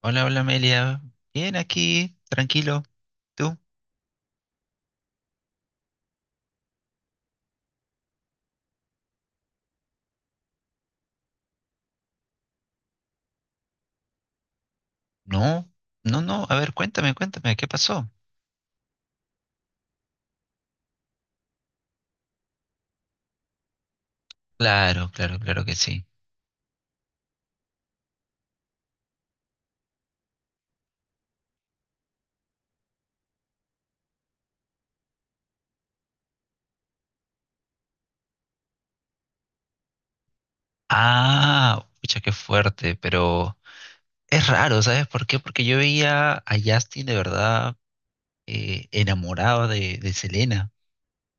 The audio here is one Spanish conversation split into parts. Hola, hola Amelia. Bien aquí, tranquilo. ¿Tú? No, no, no. A ver, cuéntame, ¿qué pasó? Claro, claro, claro que sí. Ah, pucha, qué fuerte, pero es raro, ¿sabes por qué? Porque yo veía a Justin de verdad enamorado de Selena.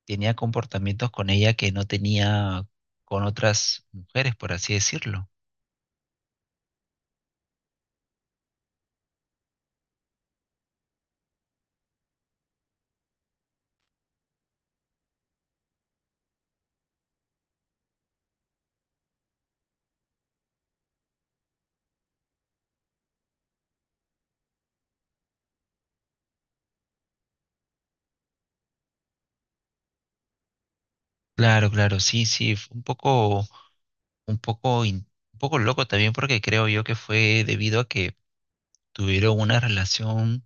Tenía comportamientos con ella que no tenía con otras mujeres, por así decirlo. Claro, claro, sí, sí, fue un poco, in- un poco loco también porque creo yo que fue debido a que tuvieron una relación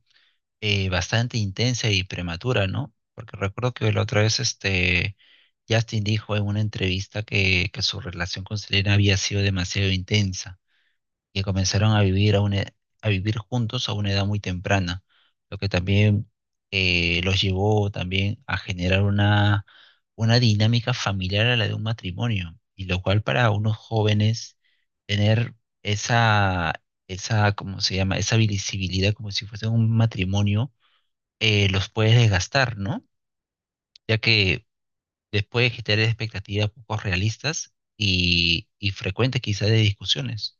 bastante intensa y prematura, ¿no? Porque recuerdo que la otra vez Justin dijo en una entrevista que su relación con Selena había sido demasiado intensa, que comenzaron a vivir juntos a una edad muy temprana, lo que también los llevó también a generar una dinámica familiar a la de un matrimonio, y lo cual para unos jóvenes tener esa, esa, ¿cómo se llama? Esa visibilidad como si fuese un matrimonio, los puede desgastar, ¿no? Ya que después de generar expectativas poco realistas y frecuentes quizás de discusiones.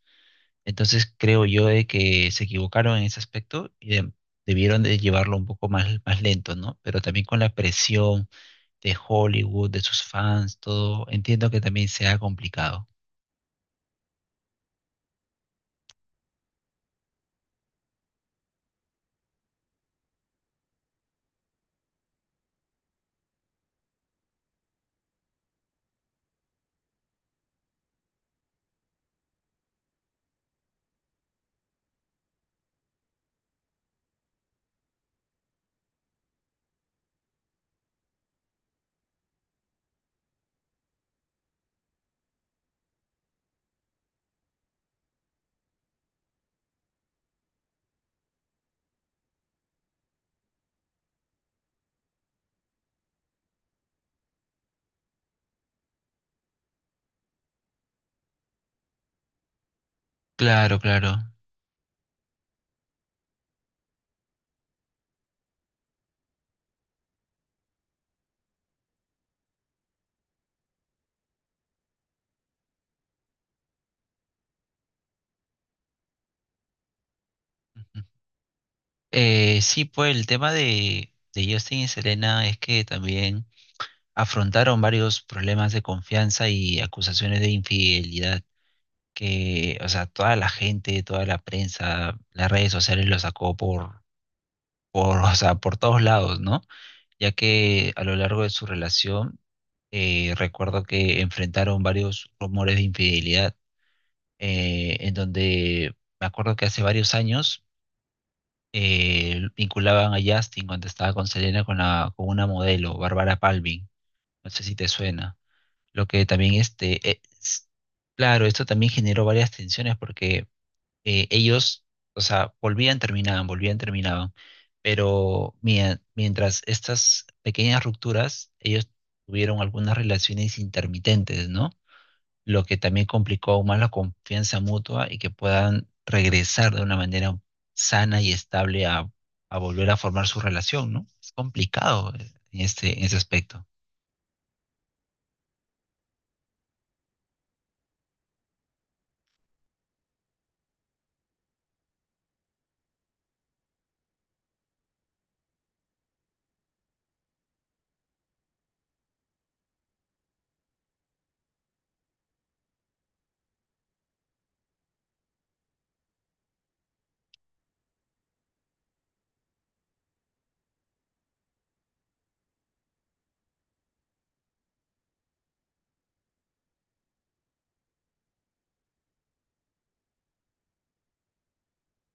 Entonces creo yo de que se equivocaron en ese aspecto y debieron de llevarlo más lento, ¿no? Pero también con la presión de Hollywood, de sus fans, todo, entiendo que también sea complicado. Claro, claro. Ujú. Sí, pues el tema de Justin y Selena es que también afrontaron varios problemas de confianza y acusaciones de infidelidad, que, o sea, toda la gente, toda la prensa, las redes sociales lo sacó por, o sea, por todos lados, ¿no? Ya que a lo largo de su relación, recuerdo que enfrentaron varios rumores de infidelidad, en donde me acuerdo que hace varios años vinculaban a Justin cuando estaba con Selena con una modelo, Bárbara Palvin, no sé si te suena, lo que también claro, esto también generó varias tensiones porque ellos, o sea, volvían, terminaban, pero mientras estas pequeñas rupturas, ellos tuvieron algunas relaciones intermitentes, ¿no? Lo que también complicó aún más la confianza mutua y que puedan regresar de una manera sana y estable a volver a formar su relación, ¿no? Es complicado en ese aspecto.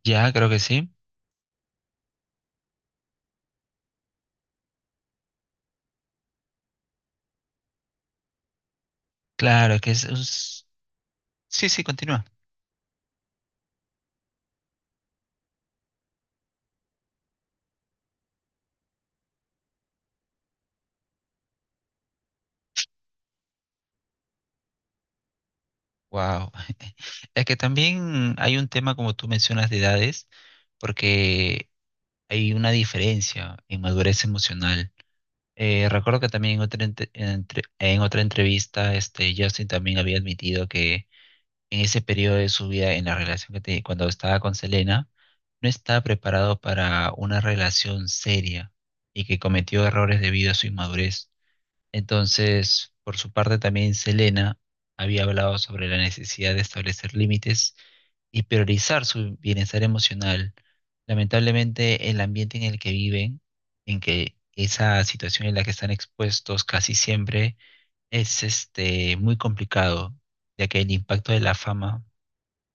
Ya, creo que sí. Claro, que sí, sí, continúa. Wow. Es que también hay un tema, como tú mencionas, de edades, porque hay una diferencia en madurez emocional. Recuerdo que también en otra entrevista, Justin también había admitido que en ese periodo de su vida, en la relación que tenía cuando estaba con Selena, no estaba preparado para una relación seria y que cometió errores debido a su inmadurez. Entonces, por su parte, también Selena había hablado sobre la necesidad de establecer límites y priorizar su bienestar emocional. Lamentablemente, el ambiente en el que viven, en que esa situación en la que están expuestos casi siempre, es muy complicado, ya que el impacto de la fama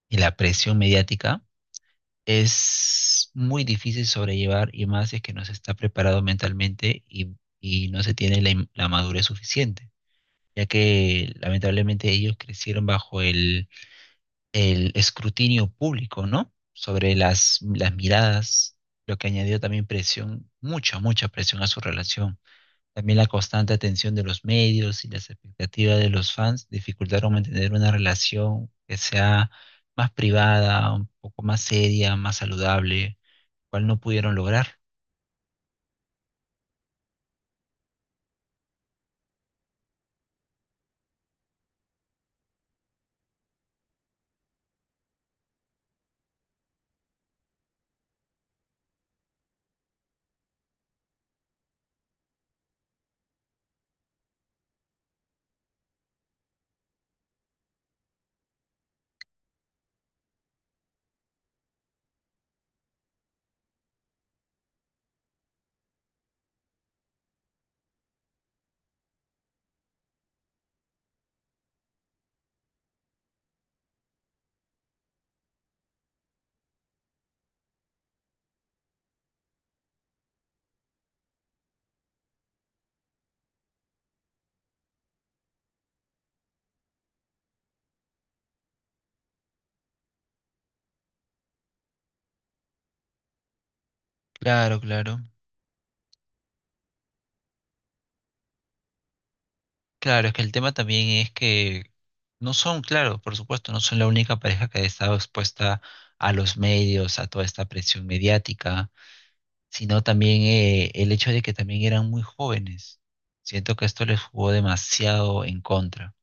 y la presión mediática es muy difícil sobrellevar y más si es que no se está preparado mentalmente y no se tiene la madurez suficiente, ya que lamentablemente ellos crecieron bajo el escrutinio público, ¿no? Sobre las miradas, lo que añadió también presión, mucha presión a su relación. También la constante atención de los medios y las expectativas de los fans dificultaron mantener una relación que sea más privada, un poco más seria, más saludable, cual no pudieron lograr. Claro, claro. Claro, es que el tema también es que no son, claro, por supuesto, no son la única pareja que ha estado expuesta a los medios, a toda esta presión mediática, sino también el hecho de que también eran muy jóvenes. Siento que esto les jugó demasiado en contra.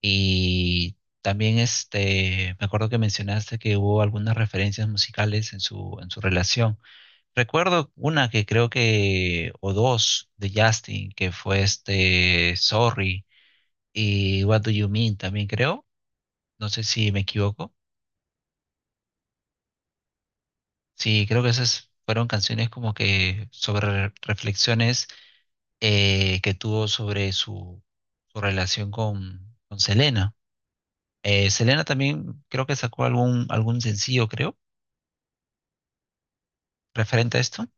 Y también me acuerdo que mencionaste que hubo algunas referencias musicales en en su relación. Recuerdo una que creo que, o dos, de Justin, que fue Sorry y What Do You Mean también creo, no sé si me equivoco. Sí, creo que esas fueron canciones como que sobre reflexiones que tuvo sobre su relación con Selena. Selena también creo que sacó algún sencillo, creo, referente a esto.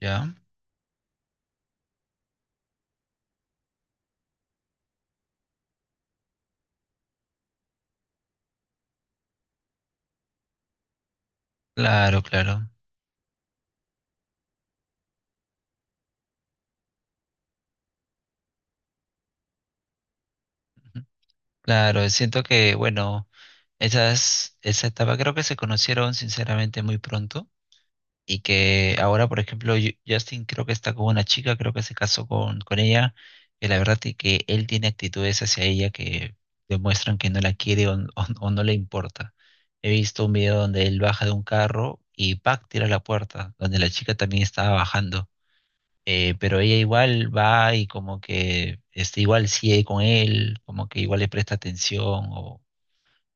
Ya, claro, claro. Ujú. Claro, siento que, bueno, esa etapa creo que se conocieron sinceramente muy pronto y que ahora, por ejemplo, Justin creo que está con una chica, creo que se casó con ella, que la verdad es que él tiene actitudes hacia ella que demuestran que no la quiere o no le importa. He visto un video donde él baja de un carro y ¡pac! Tira la puerta, donde la chica también estaba bajando. Pero ella igual va y como que igual sigue con él, como que igual le presta atención o,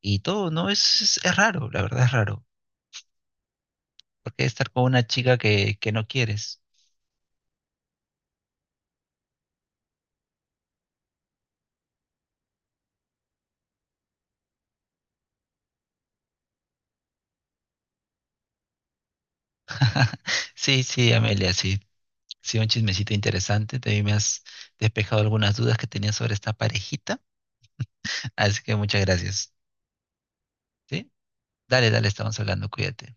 y todo, ¿no? Es raro, la verdad es raro. Porque estar con una chica que no quieres. Sí, sí, Amelia, sí. Sí, un chismecito interesante. También me has despejado algunas dudas que tenía sobre esta parejita. Así que muchas gracias. ¿Sí? Dale, dale, estamos hablando. Cuídate.